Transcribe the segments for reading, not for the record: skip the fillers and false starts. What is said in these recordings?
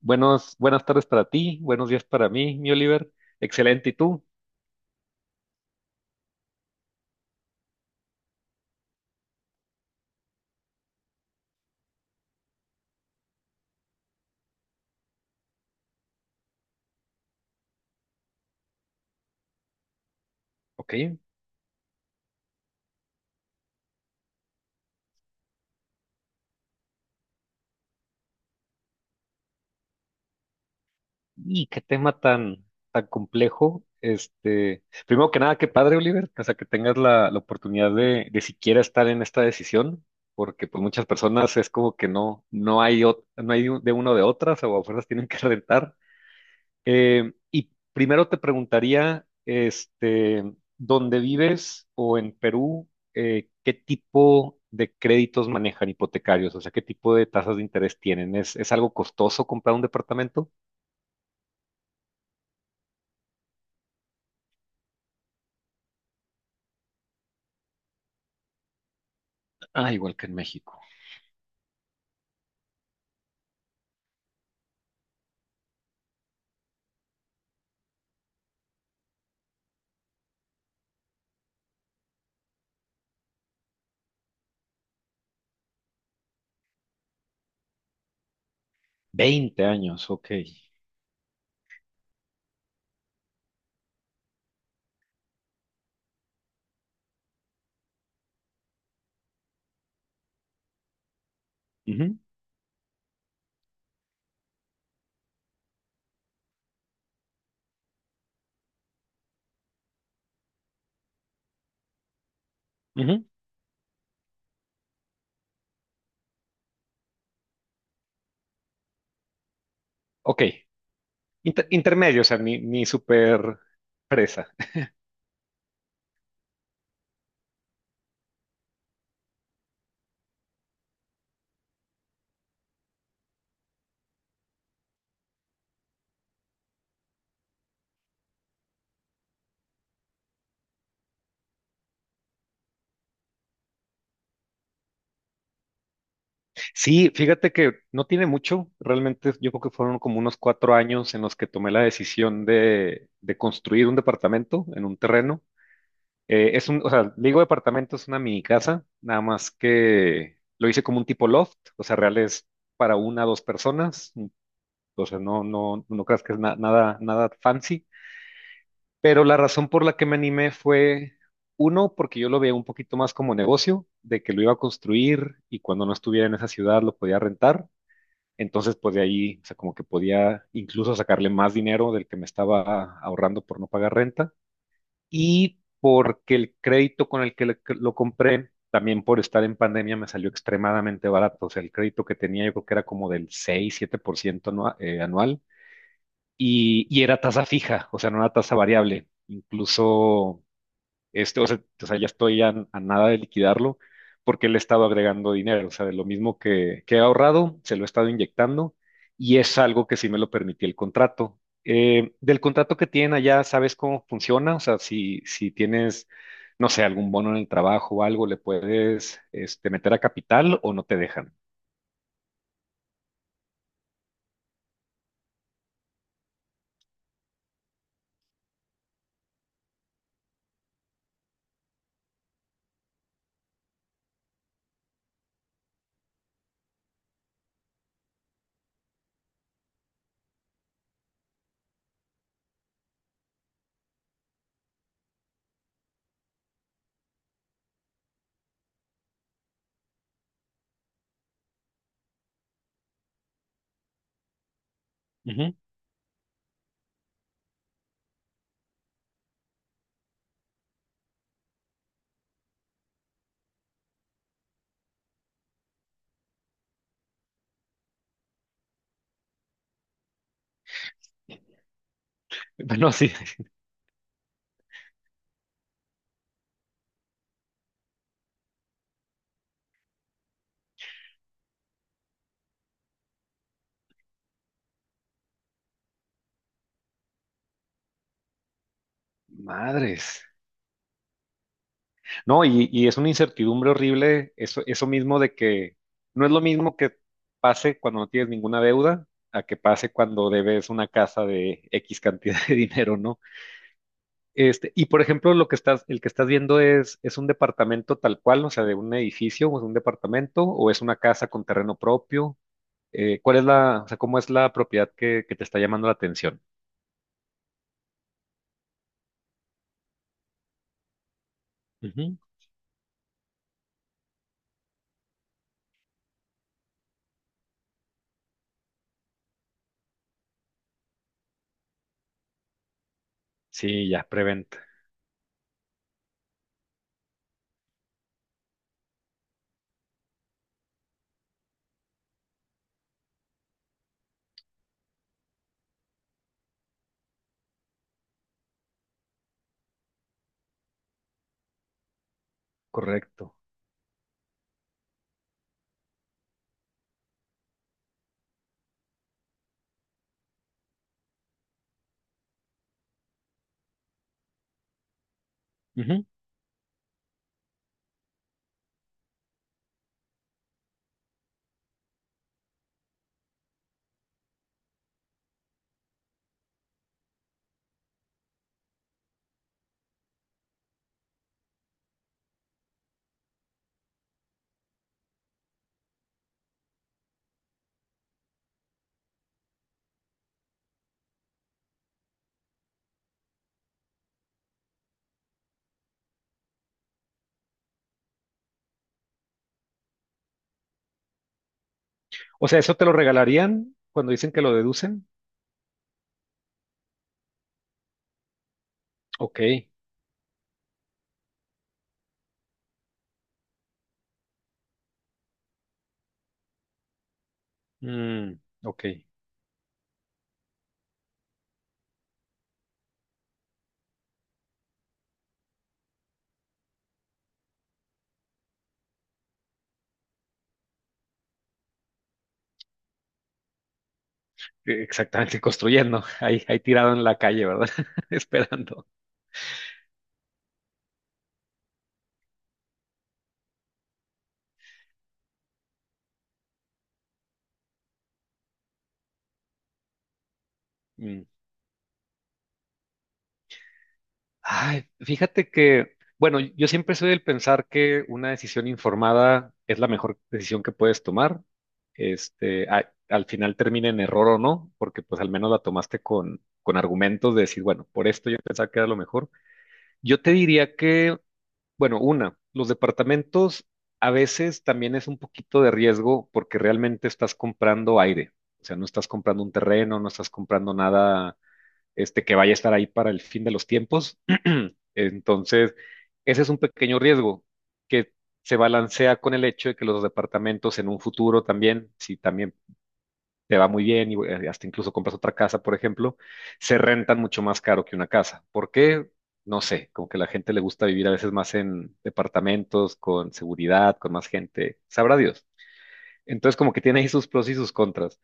Buenos, buenas tardes para ti, buenos días para mí, mi Oliver. Excelente, ¿y tú? Ok. Y qué tema tan, tan complejo. Primero que nada, qué padre, Oliver, o sea, que tengas la oportunidad de siquiera estar en esta decisión, porque pues muchas personas es como que no, no hay, no hay de uno de otras, o a fuerzas tienen que rentar. Y primero te preguntaría, ¿dónde vives o en Perú, qué tipo de créditos manejan hipotecarios? O sea, ¿qué tipo de tasas de interés tienen? Es algo costoso comprar un departamento? Ah, igual que en México. 20 años, ok. Ujú, ujú. Ok. Intermedio, o sea, ni, ni súper presa. Sí, fíjate que no tiene mucho, realmente yo creo que fueron como unos cuatro años en los que tomé la decisión de construir un departamento en un terreno. Es un, o sea, le digo departamento, es una mini casa, nada más que lo hice como un tipo loft, o sea, real es para una o dos personas, mm, o sea, no, no, no creas que es nada, nada fancy, pero la razón por la que me animé fue, uno, porque yo lo veía un poquito más como negocio, de que lo iba a construir y cuando no estuviera en esa ciudad lo podía rentar. Entonces, pues de ahí, o sea, como que podía incluso sacarle más dinero del que me estaba ahorrando por no pagar renta y porque el crédito con el que que lo compré, también por estar en pandemia, me salió extremadamente barato. O sea, el crédito que tenía yo creo que era como del 6, 7% anual y era tasa fija, o sea, no era tasa variable. Incluso o sea, ya estoy a nada de liquidarlo porque le he estado agregando dinero, o sea, de lo mismo que he ahorrado, se lo he estado inyectando y es algo que sí me lo permitió el contrato. Del contrato que tienen allá, ¿sabes cómo funciona? O sea, si, si tienes, no sé, algún bono en el trabajo o algo, ¿le puedes meter a capital o no te dejan? Ujú. Bueno, sí. Madres. No, y es una incertidumbre horrible, eso mismo de que no es lo mismo que pase cuando no tienes ninguna deuda a que pase cuando debes una casa de X cantidad de dinero, ¿no? Y por ejemplo, lo que estás, el que estás viendo es un departamento tal cual, o sea, de un edificio o es un departamento o es una casa con terreno propio. ¿Cuál es la, o sea, cómo es la propiedad que te está llamando la atención? Ujú. Sí, ya, preventa, correcto. Ujú. O sea, ¿eso te lo regalarían cuando dicen que lo deducen? Ok, mm, ok. Exactamente, construyendo, ahí, ahí tirado en la calle, ¿verdad? Esperando. Mm. Ay, fíjate que, bueno, yo siempre soy del pensar que una decisión informada es la mejor decisión que puedes tomar. Este, al final termina en error o no, porque pues al menos la tomaste con argumentos de decir, bueno, por esto yo pensaba que era lo mejor. Yo te diría que, bueno, una, los departamentos a veces también es un poquito de riesgo porque realmente estás comprando aire. O sea, no estás comprando un terreno, no estás comprando nada que vaya a estar ahí para el fin de los tiempos. Entonces, ese es un pequeño riesgo que se balancea con el hecho de que los departamentos en un futuro también, si también te va muy bien y hasta incluso compras otra casa, por ejemplo, se rentan mucho más caro que una casa. ¿Por qué? No sé, como que la gente le gusta vivir a veces más en departamentos, con seguridad, con más gente, sabrá Dios. Entonces, como que tiene ahí sus pros y sus contras.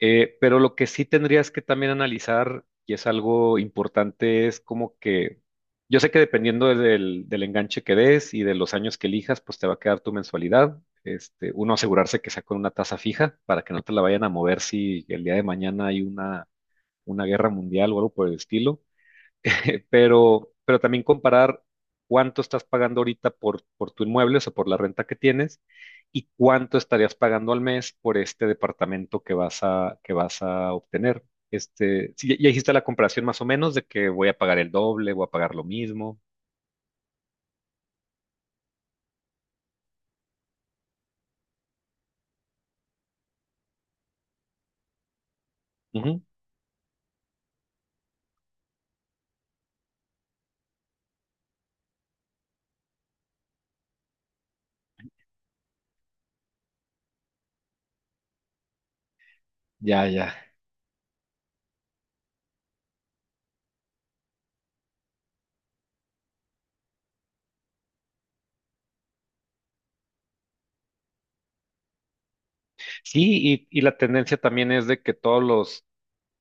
Pero lo que sí tendrías que también analizar, y es algo importante, es como que yo sé que dependiendo del, del enganche que des y de los años que elijas, pues te va a quedar tu mensualidad. Este, uno asegurarse que sea con una tasa fija para que no te la vayan a mover si el día de mañana hay una guerra mundial o algo por el estilo. Pero también comparar cuánto estás pagando ahorita por tu inmueble, o sea, por la renta que tienes, y cuánto estarías pagando al mes por este departamento que vas a obtener. Este, sí, ya, ya hiciste la comparación más o menos de que voy a pagar el doble, voy a pagar lo mismo. Ujú. Ya, ya. Sí, y la tendencia también es de que todos los,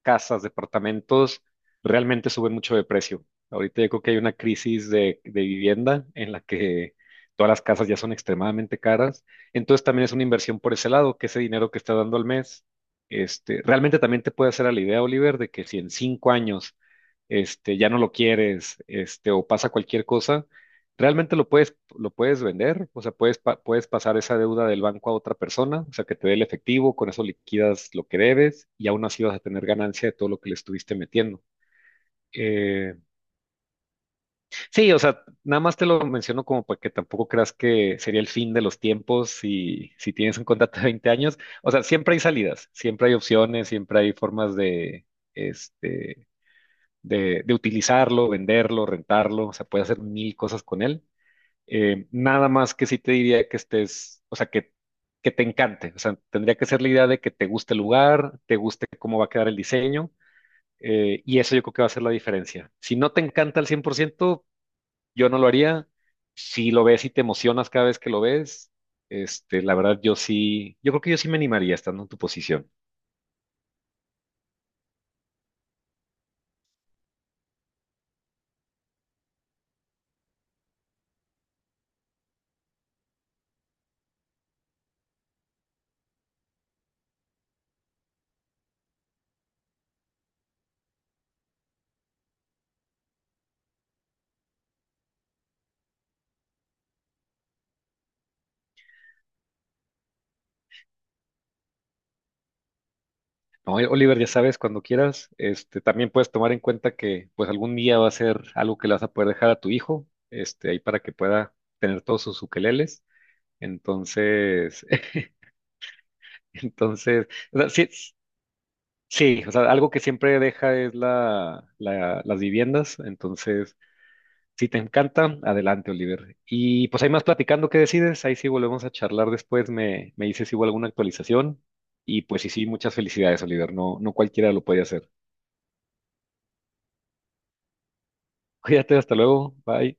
casas, departamentos, realmente suben mucho de precio. Ahorita yo creo que hay una crisis de vivienda en la que todas las casas ya son extremadamente caras. Entonces también es una inversión por ese lado, que ese dinero que está dando al mes, realmente también te puede hacer a la idea, Oliver, de que si en cinco años, ya no lo quieres, o pasa cualquier cosa, realmente lo puedes vender, o sea, puedes, puedes pasar esa deuda del banco a otra persona, o sea, que te dé el efectivo, con eso liquidas lo que debes y aún así vas a tener ganancia de todo lo que le estuviste metiendo. Eh, sí, o sea, nada más te lo menciono como para que tampoco creas que sería el fin de los tiempos si, si tienes un contrato de 20 años. O sea, siempre hay salidas, siempre hay opciones, siempre hay formas de, este, de utilizarlo, venderlo, rentarlo, o sea, puedes hacer mil cosas con él. Nada más que sí te diría que estés, o sea, que te encante. O sea, tendría que ser la idea de que te guste el lugar, te guste cómo va a quedar el diseño, y eso yo creo que va a ser la diferencia. Si no te encanta al 100%, yo no lo haría. Si lo ves y te emocionas cada vez que lo ves, la verdad yo sí, yo creo que yo sí me animaría estando en tu posición. No, Oliver, ya sabes, cuando quieras, también puedes tomar en cuenta que pues algún día va a ser algo que le vas a poder dejar a tu hijo, ahí para que pueda tener todos sus ukeleles. Entonces, entonces, o sea, sí, sí, o sea, algo que siempre deja es la, las viviendas. Entonces, si te encanta, adelante, Oliver. Y pues ahí más platicando, ¿qué decides? Ahí sí volvemos a charlar después. Me dices si hubo alguna actualización. Y pues sí, sí, muchas felicidades, Oliver. No, no cualquiera lo puede hacer. Cuídate, hasta luego. Bye.